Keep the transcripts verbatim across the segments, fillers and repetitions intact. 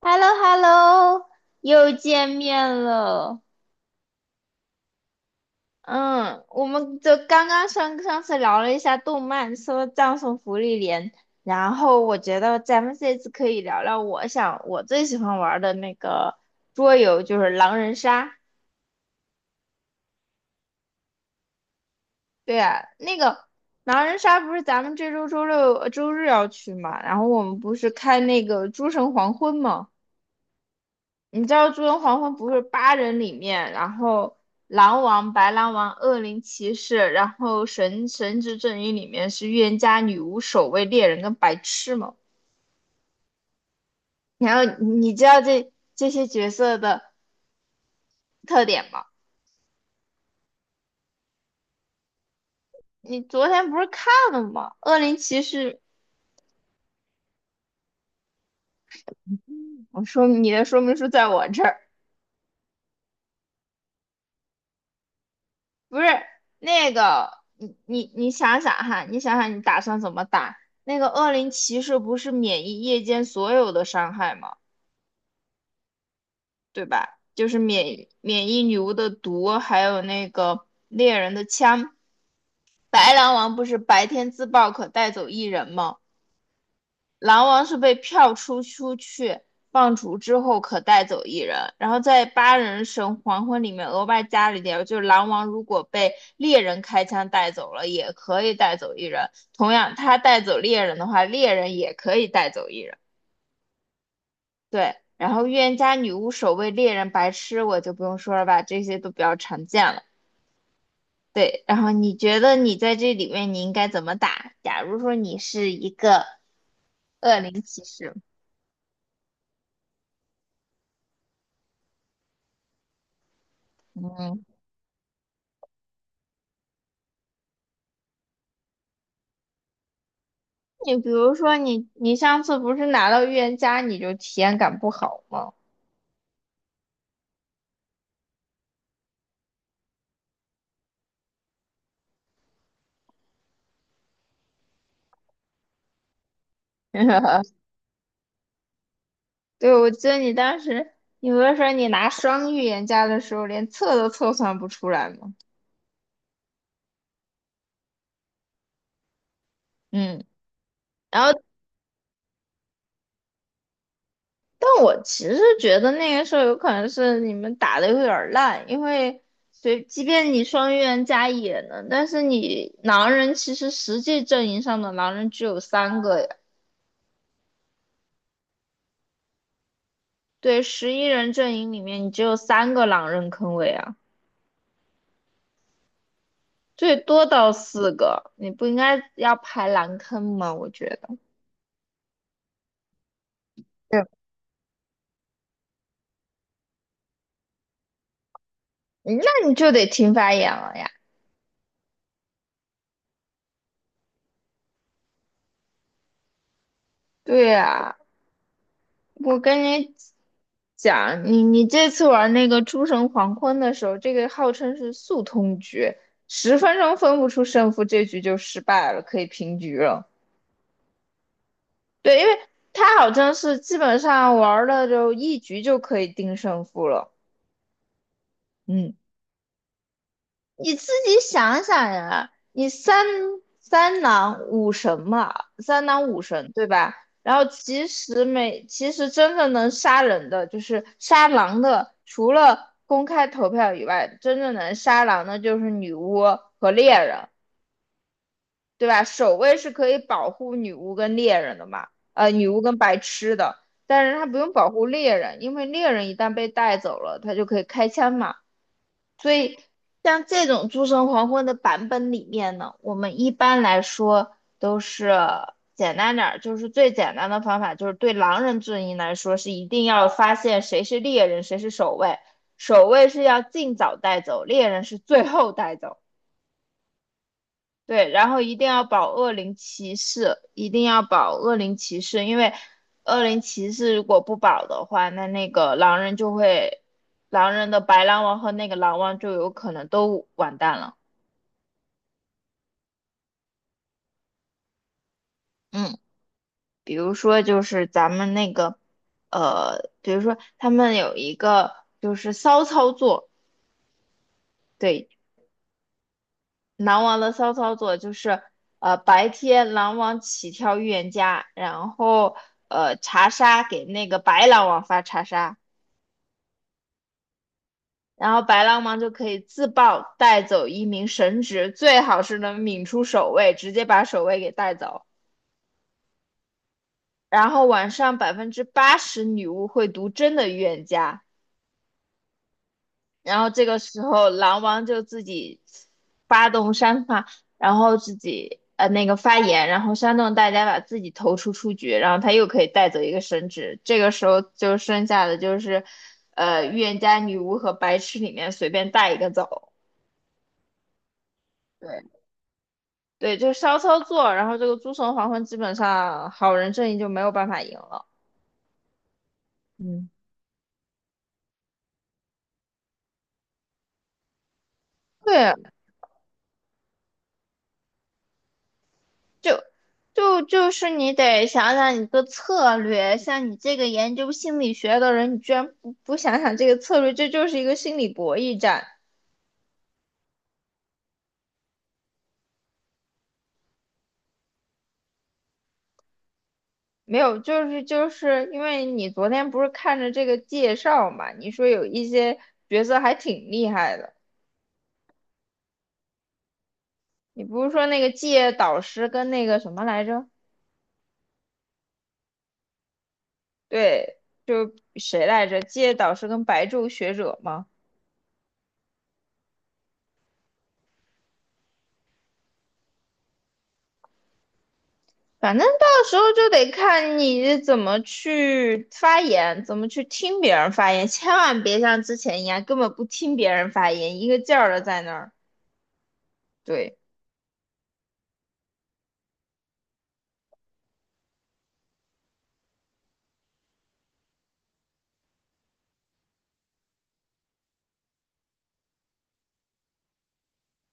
h e l l o h e l l o 又见面了。嗯，我们就刚刚上上次聊了一下动漫，说葬送福利连，然后我觉得咱们这次可以聊聊我想我最喜欢玩的那个桌游，就是狼人杀。对呀，那个狼人杀不是咱们这周周六、呃周日要去嘛，然后我们不是开那个诸神黄昏嘛？你知道《诸神黄昏》不是八人里面，然后狼王、白狼王、恶灵骑士，然后神神之阵营里面是预言家、女巫、守卫、猎人跟白痴吗？然后你知道这这些角色的特点吗？你昨天不是看了吗？恶灵骑士，我说你的说明书在我这儿，不是那个你你你想想哈，你想想你打算怎么打？那个恶灵骑士不是免疫夜间所有的伤害吗？对吧？就是免免疫女巫的毒，还有那个猎人的枪。白狼王不是白天自爆可带走一人吗？狼王是被票出出去放逐之后可带走一人，然后在八人神黄昏里面额外加了一条，就是狼王如果被猎人开枪带走了，也可以带走一人。同样，他带走猎人的话，猎人也可以带走一人。对，然后预言家、女巫、守卫、猎人、白痴，我就不用说了吧，这些都比较常见了。对，然后你觉得你在这里面你应该怎么打？假如说你是一个恶灵骑士，嗯，你比如说你你上次不是拿到预言家你就体验感不好吗？对，我记得你当时你不是说你拿双预言家的时候连测都测算不出来吗？嗯，然后。但我其实觉得那个时候有可能是你们打的有点儿烂，因为随即便你双预言加野能，但是你狼人其实实际阵营上的狼人只有三个呀，对，十一人阵营里面你只有三个狼人坑位啊，最多到四个，你不应该要排狼坑吗？我觉得，对，嗯，那你就得听发言了呀。对呀、我跟你讲，你你这次玩那个诸神黄昏的时候，这个号称是速通局，十分钟分不出胜负，这局就失败了，可以平局了。对，因为他好像是基本上玩了就一局就可以定胜负了。嗯，你自己想想呀，你三三郎五神嘛，三郎五神对吧？然后其实每其实真正能杀人的，就是杀狼的，除了公开投票以外，真正能杀狼的就是女巫和猎人，对吧？守卫是可以保护女巫跟猎人的嘛，呃，女巫跟白痴的，但是他不用保护猎人，因为猎人一旦被带走了，他就可以开枪嘛。所以像这种诸神黄昏的版本里面呢，我们一般来说都是简单点儿，就是最简单的方法，就是对狼人阵营来说是一定要发现谁是猎人，谁是守卫，守卫是要尽早带走，猎人是最后带走。对，然后一定要保恶灵骑士，一定要保恶灵骑士，因为恶灵骑士如果不保的话，那那个狼人就会，狼人的白狼王和那个狼王就有可能都完蛋了。嗯，比如说就是咱们那个，呃，比如说他们有一个就是骚操作，对，狼王的骚操作就是，呃，白天狼王起跳预言家，然后呃查杀给那个白狼王发查杀。然后白狼王就可以自爆带走一名神职，最好是能抿出守卫，直接把守卫给带走。然后晚上百分之八十女巫会读真的预言家，然后这个时候狼王就自己发动煽发，然后自己呃那个发言，然后煽动大家把自己投出出局，然后他又可以带走一个神职。这个时候就剩下的就是，呃，预言家、女巫和白痴里面随便带一个走。对，对，就是骚操作，然后这个诸神黄昏基本上好人阵营就没有办法赢了。嗯，对，就就就是你得想想你的策略，像你这个研究心理学的人，你居然不不想想这个策略，这就是一个心理博弈战。没有，就是就是因为你昨天不是看着这个介绍嘛，你说有一些角色还挺厉害的，你不是说那个界导师跟那个什么来着？对，就谁来着？借导师跟白昼学者吗？反正到时候就得看你怎么去发言，怎么去听别人发言，千万别像之前一样根本不听别人发言，一个劲儿的在那儿。对，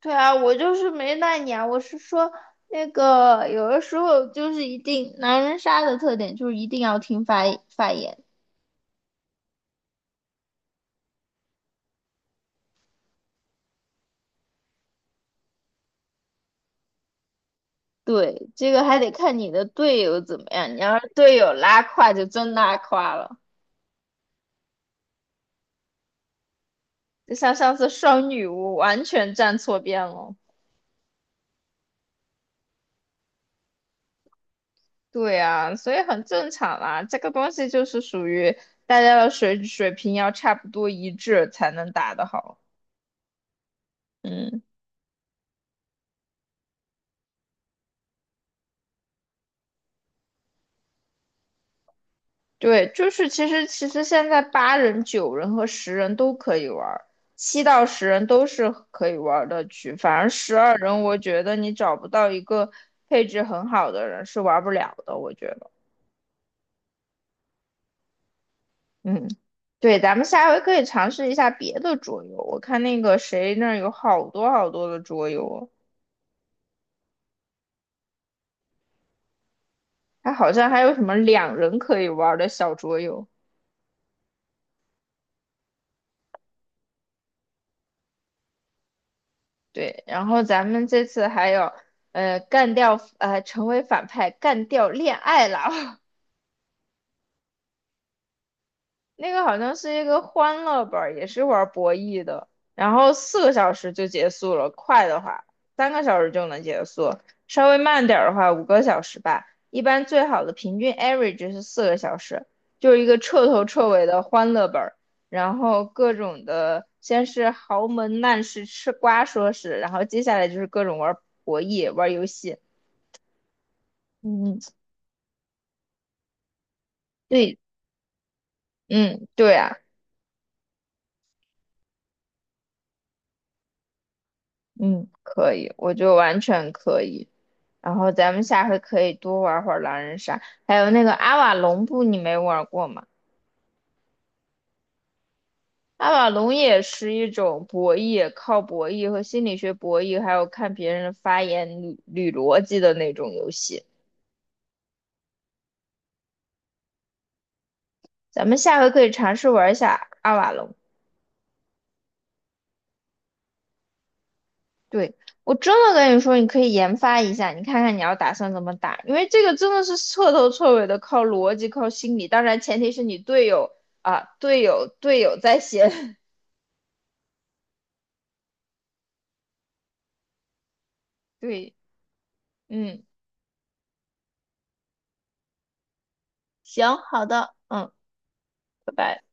对啊，我就是没赖你啊，我是说那个有的时候就是一定狼人杀的特点就是一定要听发发言。对，这个还得看你的队友怎么样，你要是队友拉胯就真拉胯了。就像上次双女巫完全站错边了。对啊，所以很正常啦。这个东西就是属于大家的水水平要差不多一致才能打得好。嗯，对，就是其实其实现在八人、九人和十人都可以玩儿，七到十人都是可以玩儿的局。反而十二人，我觉得你找不到一个配置很好的人是玩不了的，我觉得。嗯，对，咱们下回可以尝试一下别的桌游。我看那个谁那儿有好多好多的桌游，还好像还有什么两人可以玩儿的小桌游。对，然后咱们这次还有，呃，干掉，呃，成为反派，干掉恋爱脑。那个好像是一个欢乐本儿，也是玩博弈的，然后四个小时就结束了，快的话三个小时就能结束，稍微慢点儿的话五个小时吧。一般最好的平均 average 是四个小时，就是一个彻头彻尾的欢乐本儿，然后各种的，先是豪门难事吃瓜说事，然后接下来就是各种玩博弈、玩游戏。嗯，对，嗯，对啊，嗯，可以，我觉得完全可以。然后咱们下回可以多玩会儿狼人杀，还有那个阿瓦隆布，你没玩过吗？阿瓦隆也是一种博弈，靠博弈和心理学博弈，还有看别人的发言捋捋逻辑的那种游戏。咱们下回可以尝试玩一下阿瓦隆。对，我真的跟你说，你可以研发一下，你看看你要打算怎么打，因为这个真的是彻头彻尾的靠逻辑、靠心理，当然前提是你队友啊，队友队友在先。对，嗯。行，好的，嗯，拜拜。